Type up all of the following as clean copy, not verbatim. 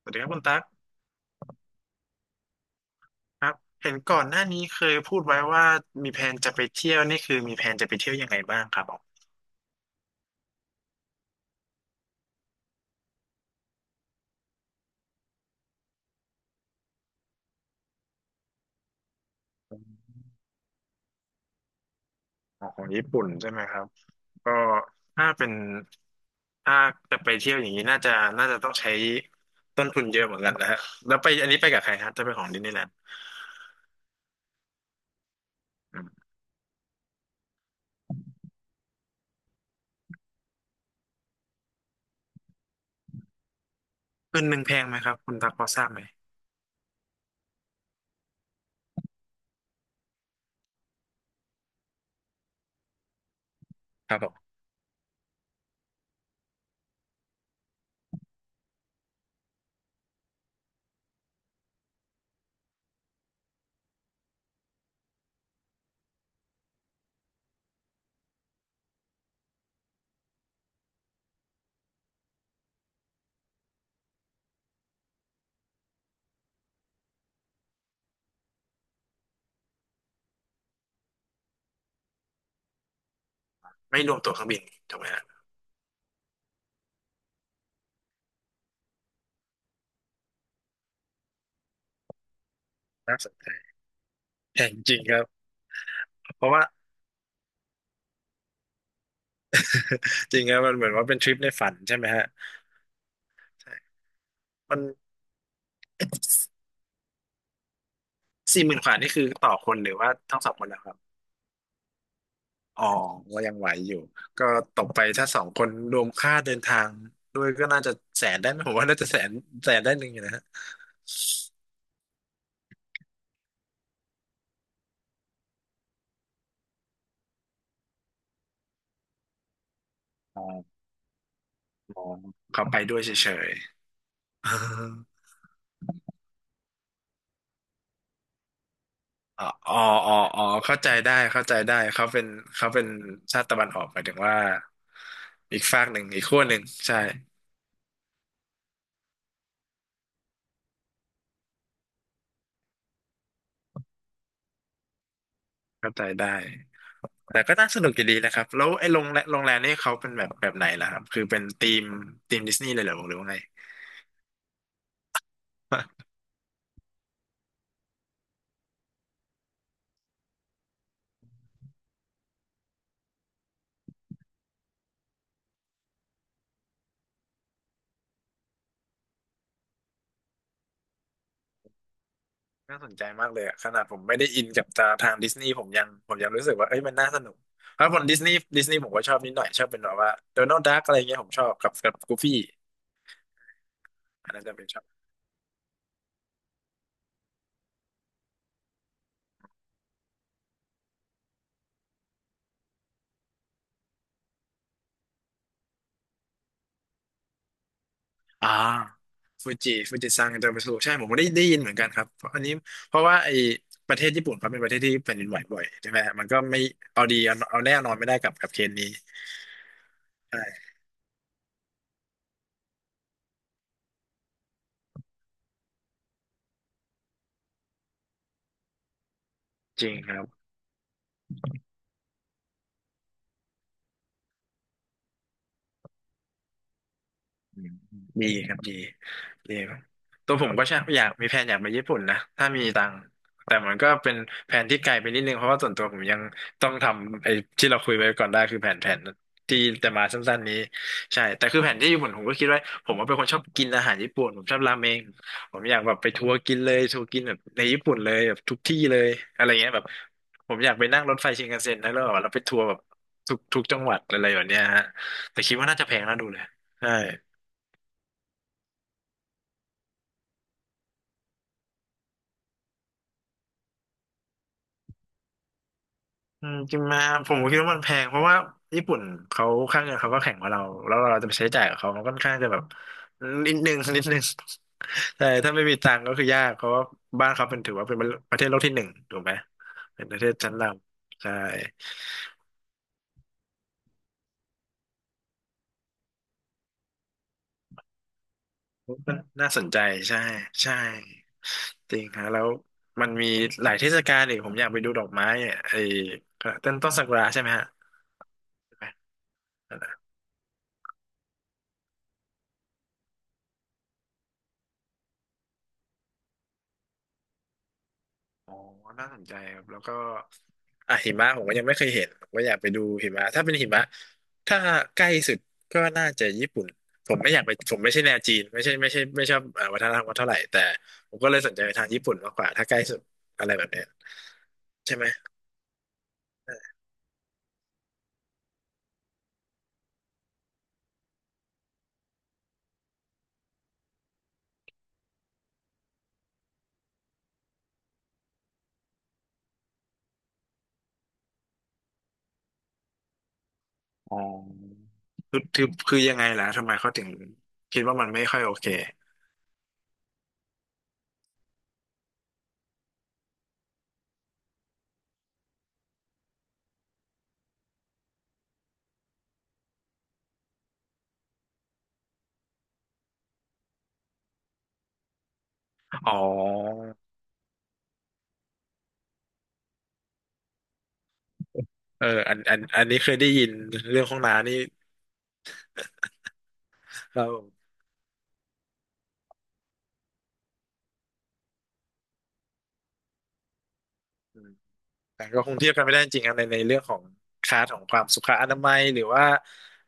สวัสดีครับคุณตั๊กครับเห็นก่อนหน้านี้เคยพูดไว้ว่ามีแผนจะไปเที่ยวนี่คือมีแผนจะไปเที่ยวยังไงบ้างครับผมของญี่ปุ่นใช่ไหมครับก็ถ้าเป็นถ้าจะไปเที่ยวอย่างนี้น่าจะต้องใช้ต้นทุนเยอะเหมือนกันนะฮะแล้วไปอันนี้ไปกับใครฮะจะไปของดิสนีย์แลนด์อืมคืนหนึ่งแพงไหมครับคุณตั๊กพอทราบไหมครับผมไม่รวมตั๋วเครื่องบินถูกไหมฮะน่าสนใจแพงจริงครับเพราะว่า จริงครับมันเหมือนว่าเป็นทริปในฝันใช่ไหมฮะใช่มัน 40,000กว่านี่คือต่อคนหรือว่าทั้งสองคนนะครับอ๋อก็ยังไหวอยู่ก็ตกไปถ้าสองคนรวมค่าเดินทางด้วยก็น่าจะแสนได้ไหมผมว่าน่าจะแสนได้หนึ่งอยู่นะฮะอ๋ออ๋อเขาไปด้วยเฉยๆอ๋ออ๋ออ๋ออ๋อเข้าใจได้เข้าใจได้เขาเป็นชาติตะวันออกหมายถึงว่าอีกฝากหนึ่งอีกขั้วหนึ่งใช่เข้าใจได้แต่ก็น่าสนุกอยู่ดีนะครับแล้วไอ้โรงแรมนี่เขาเป็นแบบไหนล่ะครับคือเป็นธีมดิสนีย์เลยเหรอหรือว่าไง น่าสนใจมากเลยอะขนาดผมไม่ได้อินกับทางดิสนีย์ผมยังรู้สึกว่าเอ้ยมันน่าสนุกเพราะผมดิสนีย์ผมก็ชอบนิดหน่อยชอบเป็นแบบว่าโดนัลด์ดักอะไรเงี้ยผมชอบกับกูฟี่อันนั้นจะเป็นชอบอ่าฟูจิซังอินเตอร์มิสูใช่ผมก็ได้ยินเหมือนกันครับเพราะอันนี้เพราะว่าไอ้ประเทศญี่ปุ่นเขาเป็นประเทศที่แผ่นดินไหวบ่อยใช่ไหมฮะมันก็ไม่เอาแน่นอนไม่ได้กับเคสนี้ใช่จริงครับ อืมดีครับดีดีครับตัวผมก็ใช่อยากมีแผนอยากไปญี่ปุ่นนะถ้ามีตังค์แต่มันก็เป็นแผนที่ไกลไปนิดนึงเพราะว่าส่วนตัวผมยังต้องทำไอ้ที่เราคุยไว้ก่อนได้คือแผนที่แต่มาสั้นๆนี้ใช่แต่คือแผนที่ญี่ปุ่นผมก็คิดไว้ผมว่าเป็นคนชอบกินอาหารญี่ปุ่นผมชอบราเมงผมอยากแบบไปทัวร์กินแบบในญี่ปุ่นเลยแบบทุกที่เลยอะไรเงี้ยแบบผมอยากไปนั่งรถไฟชินคันเซ็นแล้วแบบเราไปทัวร์แบบทุกจังหวัดอะไรแบบเนี้ยฮะแต่คิดว่าน่าจะแพงน่าดูเลยใช่ จริงมาผมก็คิดว่ามันแพงเพราะว่าญี่ปุ่นเขาค่าเงินเขาก็แข็งกว่าเราแล้วเราจะไปใช้จ่ายกับเขามันค่อนข้างจะแบบนิดนึงนิดนึง ใช่ถ้าไม่มีตังค์ก็คือยากเพราะว่าบ้านเขาเป็นถือว่าเป็นประเทศโลกที่หนึ่งถูกไหมเป็นประเทศชั้นนำใช่มันน่าสนใจใช่ใช่จริงฮะแล้วมันมีหลายเทศกาลอีกผมอยากไปดูดอกไม้อะไอ้ต้นซากุระใช่ไหมฮะใช่ไหมนอ๋อน่าสนใจครับแล้วก็ อ่ะหิมะผมก็ยังไม่เคยเห็นผมก็อยากไปดูหิมะถ้าเป็นหิมะถ้าใกล้สุดก็น่าจะญี่ปุ่นผมไม่อยากไปผมไม่ใช่แนวจีนไม่ใช่ไม่ใช่ไม่ชอบวัฒนธรรมเขาเท่าไหร่แต่ผมก็เลยสนใจไปทางญี่ปุ่นมากกว่าถ้าใกล้สุดอะไรแบบเนี้ยใช่ไหมอ๋อคือยังไงล่ะทำไมเขาถึงคิดว่ามันไม่ค่อยโอเคอ๋อเอออันนี้เคยได้ยินเรื่องห้องน้ำนี่เรา แต่ก็คงเทียบกันไม่ได้จริงๆครับในเรื่องของคลาสของความสุขอนามัยหรือว่า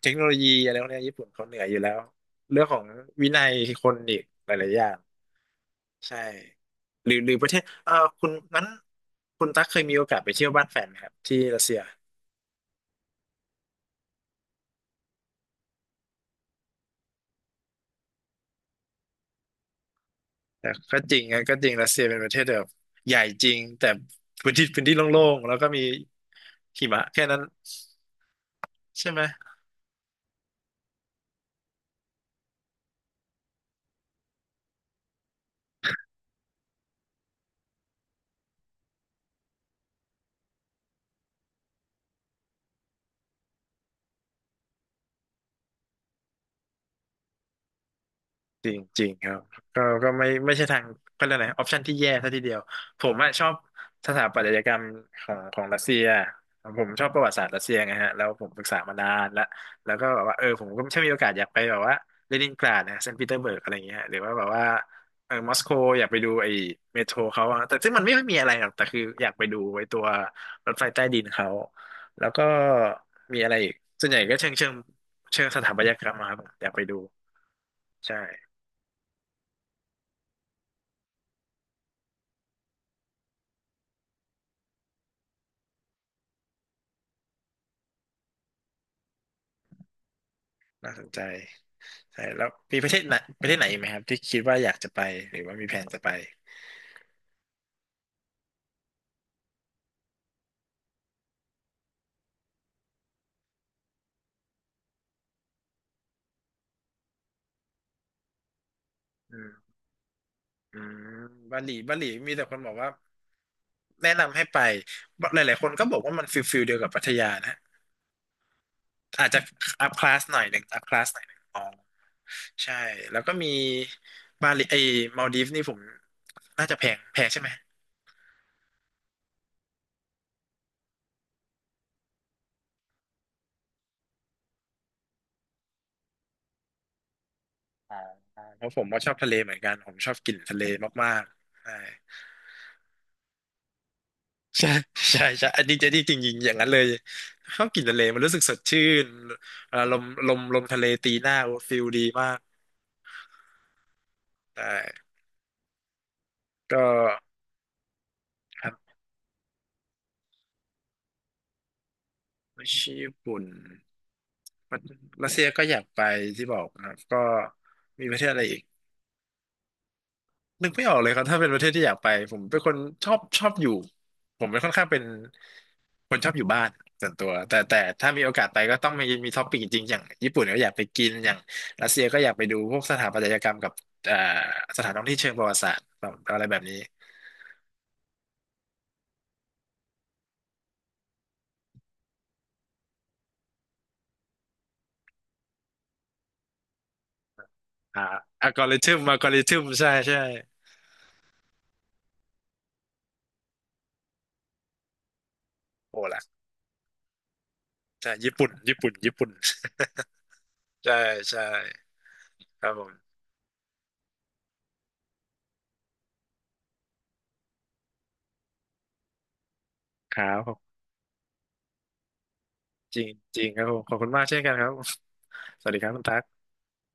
เทคโนโลยีอะไรพวกเนี้ยญี่ปุ่นเขาเหนืออยู่แล้วเรื่องของวินัยคนอีกหลายๆอย่างใช่หรือประเทศคุณนั้นคุณตั๊กเคยมีโอกาสไปเที่ยวบ้านแฟนไหมครับที่รัสเซียแต่ก็จริงนะก็จริงรัสเซียเป็นประเทศแบบใหญ่จริงแต่พื้นที่โล่งๆแล้วก็มีหิมะแค่นั้นใช่ไหม จริงจริงครับก็ไม่ใช่ทางเขาเรียกอะไรออปชันที่แย่ซะทีเดียวผมอะชอบสถาปัตยกรรมของรัสเซียผมชอบประวัติศาสตร์รัสเซียไงฮะแล้วผมศึกษามานานแล้วแล้วก็แบบว่าเออผมก็ถ้ามีโอกาสอยากไปแบบว่าเลนินกราดนะเซนต์ปีเตอร์เบิร์กอะไรอย่างเงี้ยฮะหรือว่าแบบว่าเออมอสโกอยากไปดูไอ้เมโทรเขาอะแต่ซึ่งมันไม่ค่อยมีอะไรหรอกแต่คืออยากไปดูไอ้ตัวรถไฟใต้ดินเขาแล้วก็มีอะไรอีกส่วนใหญ่ก็เชิงเชิงสถาปัตยกรรมมาครับอยากไปดูใช่ น่าสนใจใช่แล้วมีประเทศไหนประเทศไหนอีกไหมครับที่คิดว่าอยากจะไปหรือว่ามีแผนจะไปอืมอืมบาหลีบาหลีมีแต่คนบอกว่าแนะนำให้ไปหลายๆคนก็บอกว่ามันฟิลฟิลเดียวกับพัทยานะอาจจะอัพคลาสหน่อยหนึ่งอัพคลาสหน่อยหนึ่งอ๋อใช่แล้วก็มีบาหลีไอ้มาลดีฟนี่ผมน่าจะแพงแพงใช่ไหมอ๋อเพราะผมก็ชอบทะเลเหมือนกันผมชอบกลิ่นทะเลมากๆใช่ ใช่ใช่ใช่อันนี้จะนี่จริงๆอย่างนั้นเลยชอบกลินทะเลมันรู้สึกสดชื่นลมลมทะเลตีหน้าฟิลดีมากแต่ก็ครับไม่ใช่ญี่ปุ่นรัสเซียก็อยากไปที่บอกนะครับก็มีประเทศอะไรอีกนึกไม่ออกเลยครับถ้าเป็นประเทศที่อยากไปผมเป็นคนชอบอยู่ผมเป็นค่อนข้างเป็น คนชอบอยู่บ้านส่วนตัวแต่ถ้ามีโอกาสไปก็ต้องมีท็อปปิ้งจริงๆอย่างญี่ปุ่นก็อยากไปกินอย่างรัสเซียก็อยากไปดูพวกสถาปัตยกรรมกับเอ่อสถานท่องเที่ยวเชิงประวัติศาสตร์แบบอะไรแบบนี้อ่าอัลกอริทึมอัลกอริทึมใช่ใช่โอ้ล่ะใช่ญี่ปุ่นญี่ปุ่นญี่ปุ่น ใช่ใช่ครับผมครับขอบจริงจริงครับผมขอบคุณมากเช่นกันครับสวัสดีครับคุณตั๊ก